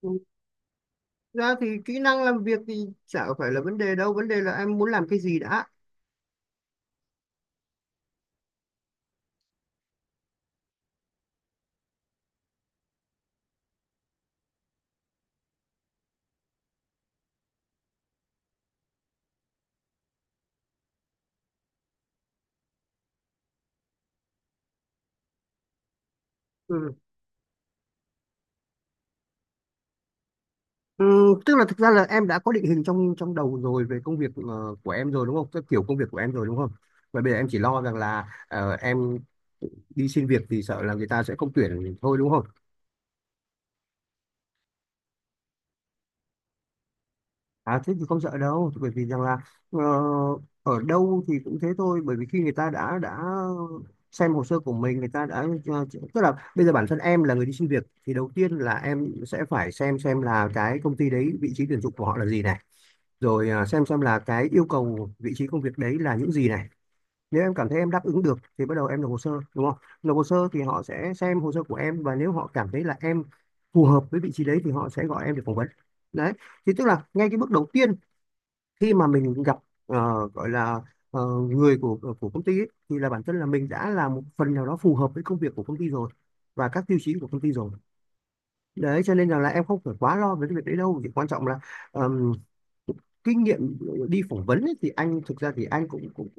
Ừ, ra thì kỹ năng làm việc thì chả phải là vấn đề đâu. Vấn đề là em muốn làm cái gì đã. Ừ. Ừ, tức là thực ra là em đã có định hình trong trong đầu rồi về công việc, của em rồi, đúng không? Cái kiểu công việc của em rồi, đúng không? Và bây giờ em chỉ lo rằng là, em đi xin việc thì sợ là người ta sẽ không tuyển thôi, đúng không? À thế thì không sợ đâu, bởi vì rằng là, ờ, ở đâu thì cũng thế thôi. Bởi vì khi người ta đã xem hồ sơ của mình, người ta đã ờ, tức là bây giờ bản thân em là người đi xin việc thì đầu tiên là em sẽ phải xem là cái công ty đấy vị trí tuyển dụng của họ là gì này, rồi xem là cái yêu cầu vị trí công việc đấy là những gì này. Nếu em cảm thấy em đáp ứng được thì bắt đầu em nộp hồ sơ, đúng không? Nộp hồ sơ thì họ sẽ xem hồ sơ của em, và nếu họ cảm thấy là em phù hợp với vị trí đấy thì họ sẽ gọi em để phỏng vấn. Đấy, thì tức là ngay cái bước đầu tiên khi mà mình gặp, ờ, gọi là ờ, người của của công ty ấy, thì là bản thân là mình đã là một phần nào đó phù hợp với công việc của công ty rồi và các tiêu chí của công ty rồi. Đấy, cho nên rằng là em không phải quá lo về cái việc đấy đâu. Chỉ quan trọng là ờm, kinh nghiệm đi phỏng vấn ấy, thì anh thực ra thì anh cũng cũng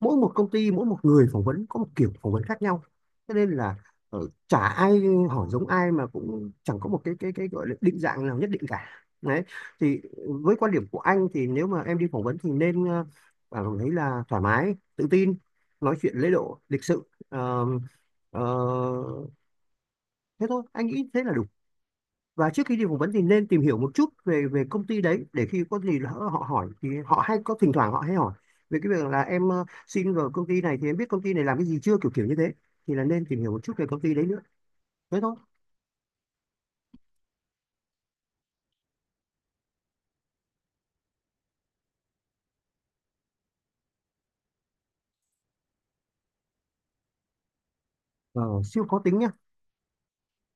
mỗi một công ty mỗi một người phỏng vấn có một kiểu phỏng vấn khác nhau, cho nên là chả ai hỏi giống ai, mà cũng chẳng có một cái gọi là định dạng nào nhất định cả. Đấy, thì với quan điểm của anh thì nếu mà em đi phỏng vấn thì nên cảm thấy là thoải mái, tự tin, nói chuyện lễ độ, lịch sự. Ờ, ờ, Thế thôi, anh nghĩ thế là đủ. Và trước khi đi phỏng vấn thì nên tìm hiểu một chút về về công ty đấy, để khi có gì lỡ họ hỏi, thì họ hay có thỉnh thoảng họ hay hỏi về cái việc là em xin vào công ty này thì em biết công ty này làm cái gì chưa, kiểu kiểu như thế. Thì là nên tìm hiểu một chút về công ty đấy nữa, thế thôi. Ờ, siêu khó tính nhá.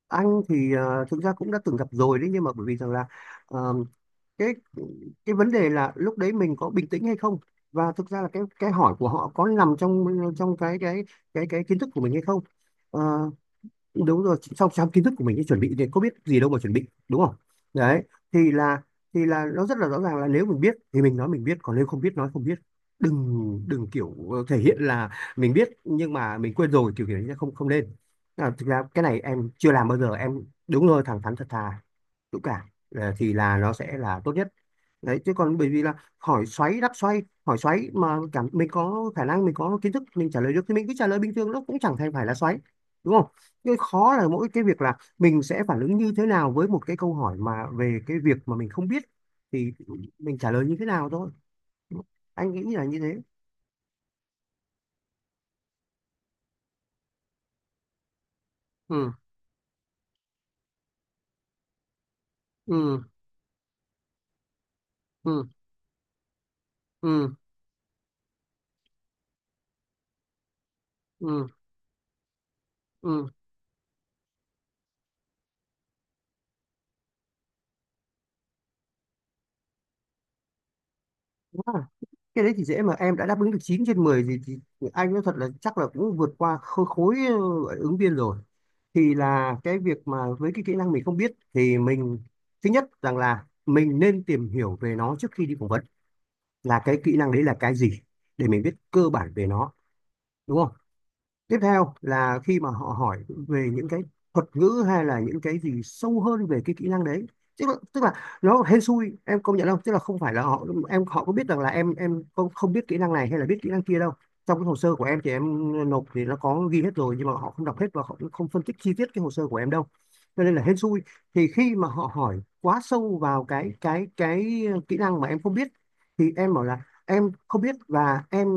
Anh thì thực ra cũng đã từng gặp rồi đấy, nhưng mà bởi vì rằng là, ờ, cái cái vấn đề là lúc đấy mình có bình tĩnh hay không, và thực ra là cái hỏi của họ có nằm trong trong cái kiến thức của mình hay không. Ờ, đúng rồi, trong trong kiến thức của mình ấy, chuẩn bị thì có biết gì đâu mà chuẩn bị, đúng không? Đấy, thì là thì là nó rất là rõ ràng là nếu mình biết thì mình nói mình biết, còn nếu không biết nói không biết. Đừng đừng kiểu thể hiện là mình biết nhưng mà mình quên rồi, kiểu kiểu như thế, không, không nên. À, thực ra cái này em chưa làm bao giờ em đúng rồi, thẳng thắn thật thà dũng cảm. À, thì là nó sẽ là tốt nhất. Đấy, chứ còn bởi vì là hỏi xoáy đáp xoay, hỏi xoáy mà cảm mình có khả năng, mình có kiến thức, mình trả lời được, thì mình cứ trả lời bình thường, nó cũng chẳng thành phải là xoáy, đúng không? Cái khó là mỗi cái việc là mình sẽ phản ứng như thế nào với một cái câu hỏi mà về cái việc mà mình không biết, thì mình trả lời như thế nào thôi. Anh nghĩ là như thế. Ừ. Ừ. Ừ. Ừ. Ừ. Ừ. Cái đấy thì dễ mà, em đã đáp ứng được 9/10 gì thì anh nói thật là chắc là cũng vượt qua khối ứng viên rồi. Thì là cái việc mà với cái kỹ năng mình không biết thì mình, thứ nhất rằng là mình nên tìm hiểu về nó trước khi đi phỏng vấn, là cái kỹ năng đấy là cái gì, để mình biết cơ bản về nó, đúng không? Tiếp theo là khi mà họ hỏi về những cái thuật ngữ hay là những cái gì sâu hơn về cái kỹ năng đấy, tức là nó hên xui em công nhận không, tức là không phải là họ có biết rằng là em không không biết kỹ năng này hay là biết kỹ năng kia đâu. Trong cái hồ sơ của em thì em nộp, thì nó có ghi hết rồi, nhưng mà họ không đọc hết và họ cũng không phân tích chi tiết cái hồ sơ của em đâu, cho nên là hên xui. Thì khi mà họ hỏi quá sâu vào cái kỹ năng mà em không biết, thì em bảo là em không biết và em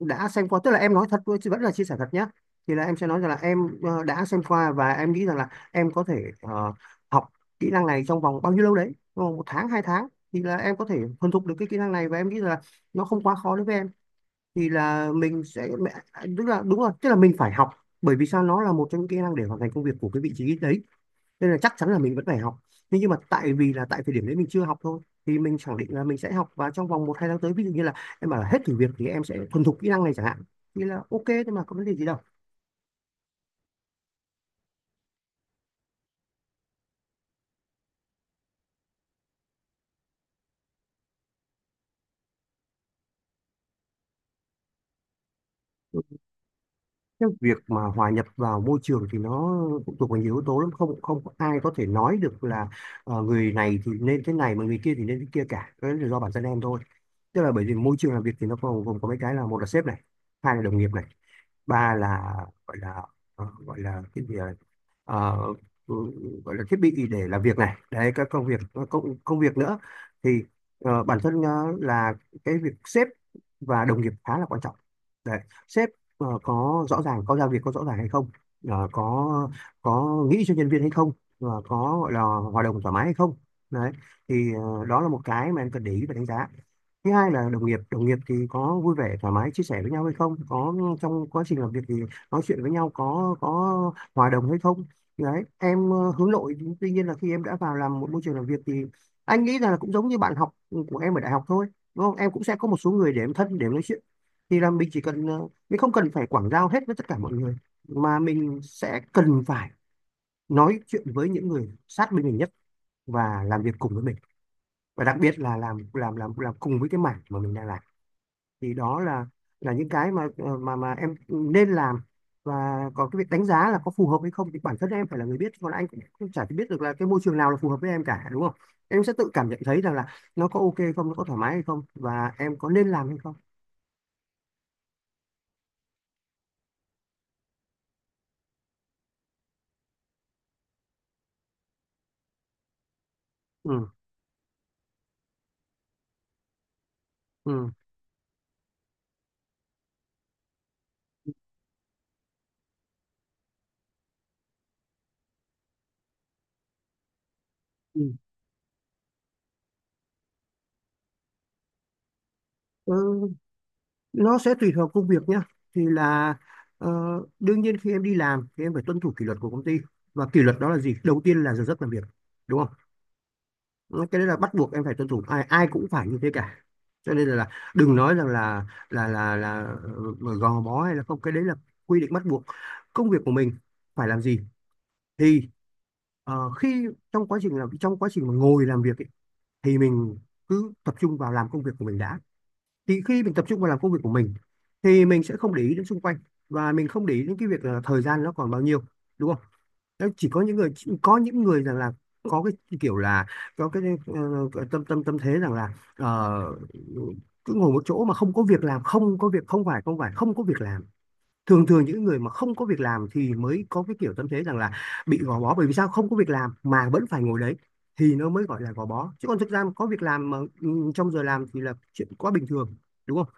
đã xem qua, tức là em nói thật thôi, chứ vẫn là chia sẻ thật nhé. Thì là em sẽ nói rằng là em đã xem qua và em nghĩ rằng là em có thể, học kỹ năng này trong vòng bao nhiêu lâu đấy, trong vòng 1 tháng 2 tháng thì là em có thể thuần thục được cái kỹ năng này, và em nghĩ rằng là nó không quá khó đối với em. Thì là mình sẽ mẹ- Tức là đúng rồi, tức là mình phải học. Bởi vì sao, nó là một trong những kỹ năng để hoàn thành công việc của cái vị trí đấy, nên là chắc chắn là mình vẫn phải học. Nhưng mà tại vì là tại thời điểm đấy mình chưa học thôi, thì mình khẳng định là mình sẽ học, và trong vòng 1-2 tháng tới, ví dụ như là em bảo là hết thử việc thì em sẽ thuần thục kỹ năng này chẳng hạn. Thì là ok thôi, mà có vấn đề gì đâu. Cái việc mà hòa nhập vào môi trường thì nó phụ thuộc vào nhiều yếu tố lắm, không, không có ai có thể nói được là người này thì nên thế này mà người kia thì nên thế kia cả. Cái đó là do bản thân em thôi. Tức là bởi vì môi trường làm việc thì nó gồm gồm có mấy cái là: một là sếp này, hai là đồng nghiệp này, ba là gọi là, cái gì à? ờ, ừ, Gọi là thiết bị để làm việc này, đấy các công việc, các công công việc nữa. Thì, bản thân, là cái việc sếp và đồng nghiệp khá là quan trọng. Đấy, sếp có rõ ràng, có giao việc có rõ ràng hay không, có nghĩ cho nhân viên hay không, và có gọi là hòa đồng thoải mái hay không. Đấy, thì đó là một cái mà em cần để ý và đánh giá. Thứ hai là đồng nghiệp. Đồng nghiệp thì có vui vẻ thoải mái chia sẻ với nhau hay không, có trong quá trình làm việc thì nói chuyện với nhau có hòa đồng hay không. Đấy, em hướng nội, tuy nhiên là khi em đã vào làm một môi trường làm việc thì anh nghĩ rằng là cũng giống như bạn học của em ở đại học thôi, đúng không? Em cũng sẽ có một số người để em thân, để em nói chuyện. Thì là mình chỉ cần, mình không cần phải quảng giao hết với tất cả mọi người, mà mình sẽ cần phải nói chuyện với những người sát bên mình nhất và làm việc cùng với mình, và đặc biệt là làm cùng với cái mảng mà mình đang làm. Thì đó là những cái mà mà em nên làm. Và còn cái việc đánh giá là có phù hợp hay không thì bản thân em phải là người biết, còn anh cũng cũng chả biết được là cái môi trường nào là phù hợp với em cả, đúng không? Em sẽ tự cảm nhận thấy rằng là nó có ok không, nó có thoải mái hay không, và em có nên làm hay không. Ừ. Ừ, ừ. Ừ, nó sẽ tùy thuộc công việc nhá. thì là ờ, Đương nhiên khi em đi làm thì em phải tuân thủ kỷ luật của công ty, và kỷ luật đó là gì? Đầu tiên là giờ giấc làm việc, đúng không? Cái đấy là bắt buộc em phải tuân thủ, ai ai cũng phải như thế cả. Cho nên là đừng nói rằng gò bó hay là không, cái đấy là quy định bắt buộc. Công việc của mình phải làm gì thì khi trong quá trình làm, trong quá trình mà ngồi làm việc ấy, thì mình cứ tập trung vào làm công việc của mình đã. Thì khi mình tập trung vào làm công việc của mình thì mình sẽ không để ý đến xung quanh, và mình không để ý đến cái việc là thời gian nó còn bao nhiêu, đúng không? Đấy, chỉ có những người rằng là có cái kiểu là có cái tâm tâm tâm thế rằng là cứ ngồi một chỗ mà không có việc làm, không có việc, không phải không có việc làm. Thường thường những người mà không có việc làm thì mới có cái kiểu tâm thế rằng là bị gò bó, bởi vì sao không có việc làm mà vẫn phải ngồi đấy, thì nó mới gọi là gò bó. Chứ còn thực ra mà có việc làm mà ừ, trong giờ làm thì là chuyện quá bình thường, đúng không?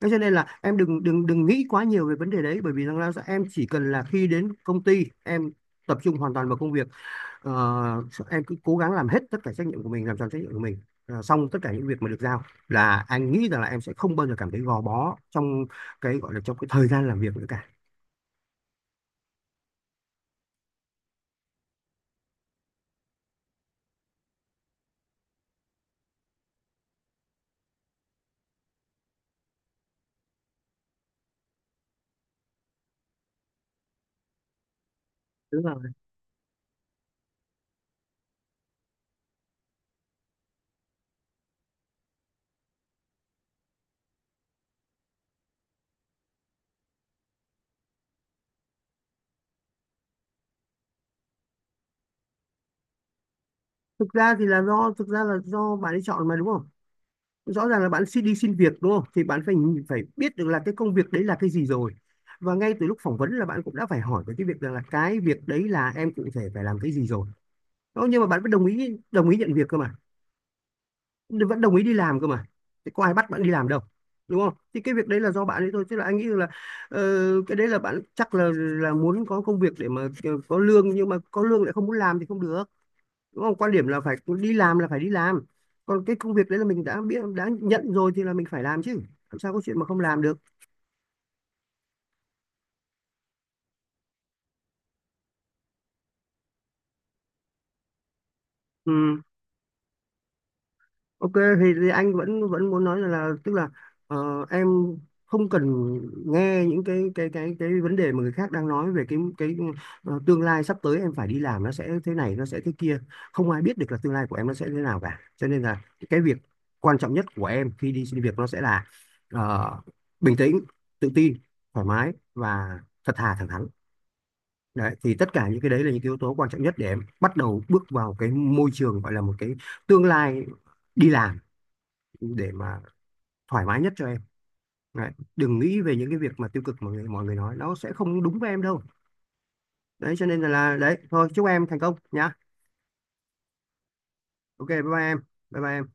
Thế cho nên là em đừng đừng đừng nghĩ quá nhiều về vấn đề đấy, bởi vì rằng là em chỉ cần là khi đến công ty em tập trung hoàn toàn vào công việc. Ờ, em cứ cố gắng làm hết tất cả trách nhiệm của mình, làm tròn trách nhiệm của mình, xong tất cả những việc mà được giao, là anh nghĩ rằng là em sẽ không bao giờ cảm thấy gò bó trong cái gọi là trong cái thời gian làm việc nữa cả. Đúng rồi. Thực ra thì là do, thực ra là do bạn ấy chọn mà, đúng không? Rõ ràng là bạn xin đi xin việc đúng không, thì bạn phải phải biết được là cái công việc đấy là cái gì rồi, và ngay từ lúc phỏng vấn là bạn cũng đã phải hỏi về cái việc rằng là cái việc đấy là em cụ thể phải làm cái gì rồi. Đó, nhưng mà bạn vẫn đồng ý nhận việc cơ mà, vẫn đồng ý đi làm cơ mà, thì có ai bắt bạn đi làm đâu, đúng không? Thì cái việc đấy là do bạn ấy thôi, chứ là anh nghĩ là ờ, cái đấy là bạn chắc là muốn có công việc để mà có lương, nhưng mà có lương lại không muốn làm thì không được, đúng không? Quan điểm là phải đi làm, là phải đi làm. Còn cái công việc đấy là mình đã biết, đã nhận rồi thì là mình phải làm chứ, làm sao có chuyện mà không làm được. Ừ. Ok, thì anh vẫn vẫn muốn nói là tức là em không cần nghe những cái vấn đề mà người khác đang nói về cái tương lai sắp tới em phải đi làm, nó sẽ thế này nó sẽ thế kia. Không ai biết được là tương lai của em nó sẽ thế nào cả, cho nên là cái việc quan trọng nhất của em khi đi xin việc nó sẽ là ờ, bình tĩnh, tự tin, thoải mái và thật thà thẳng thắn. Đấy, thì tất cả những cái đấy là những cái yếu tố quan trọng nhất để em bắt đầu bước vào cái môi trường gọi là một cái tương lai đi làm để mà thoải mái nhất cho em. Đấy. Đừng nghĩ về những cái việc mà tiêu cực mà mọi người nói, nó sẽ không đúng với em đâu. Đấy cho nên là đấy thôi, chúc em thành công nhá. Ok, bye bye em. Bye bye em.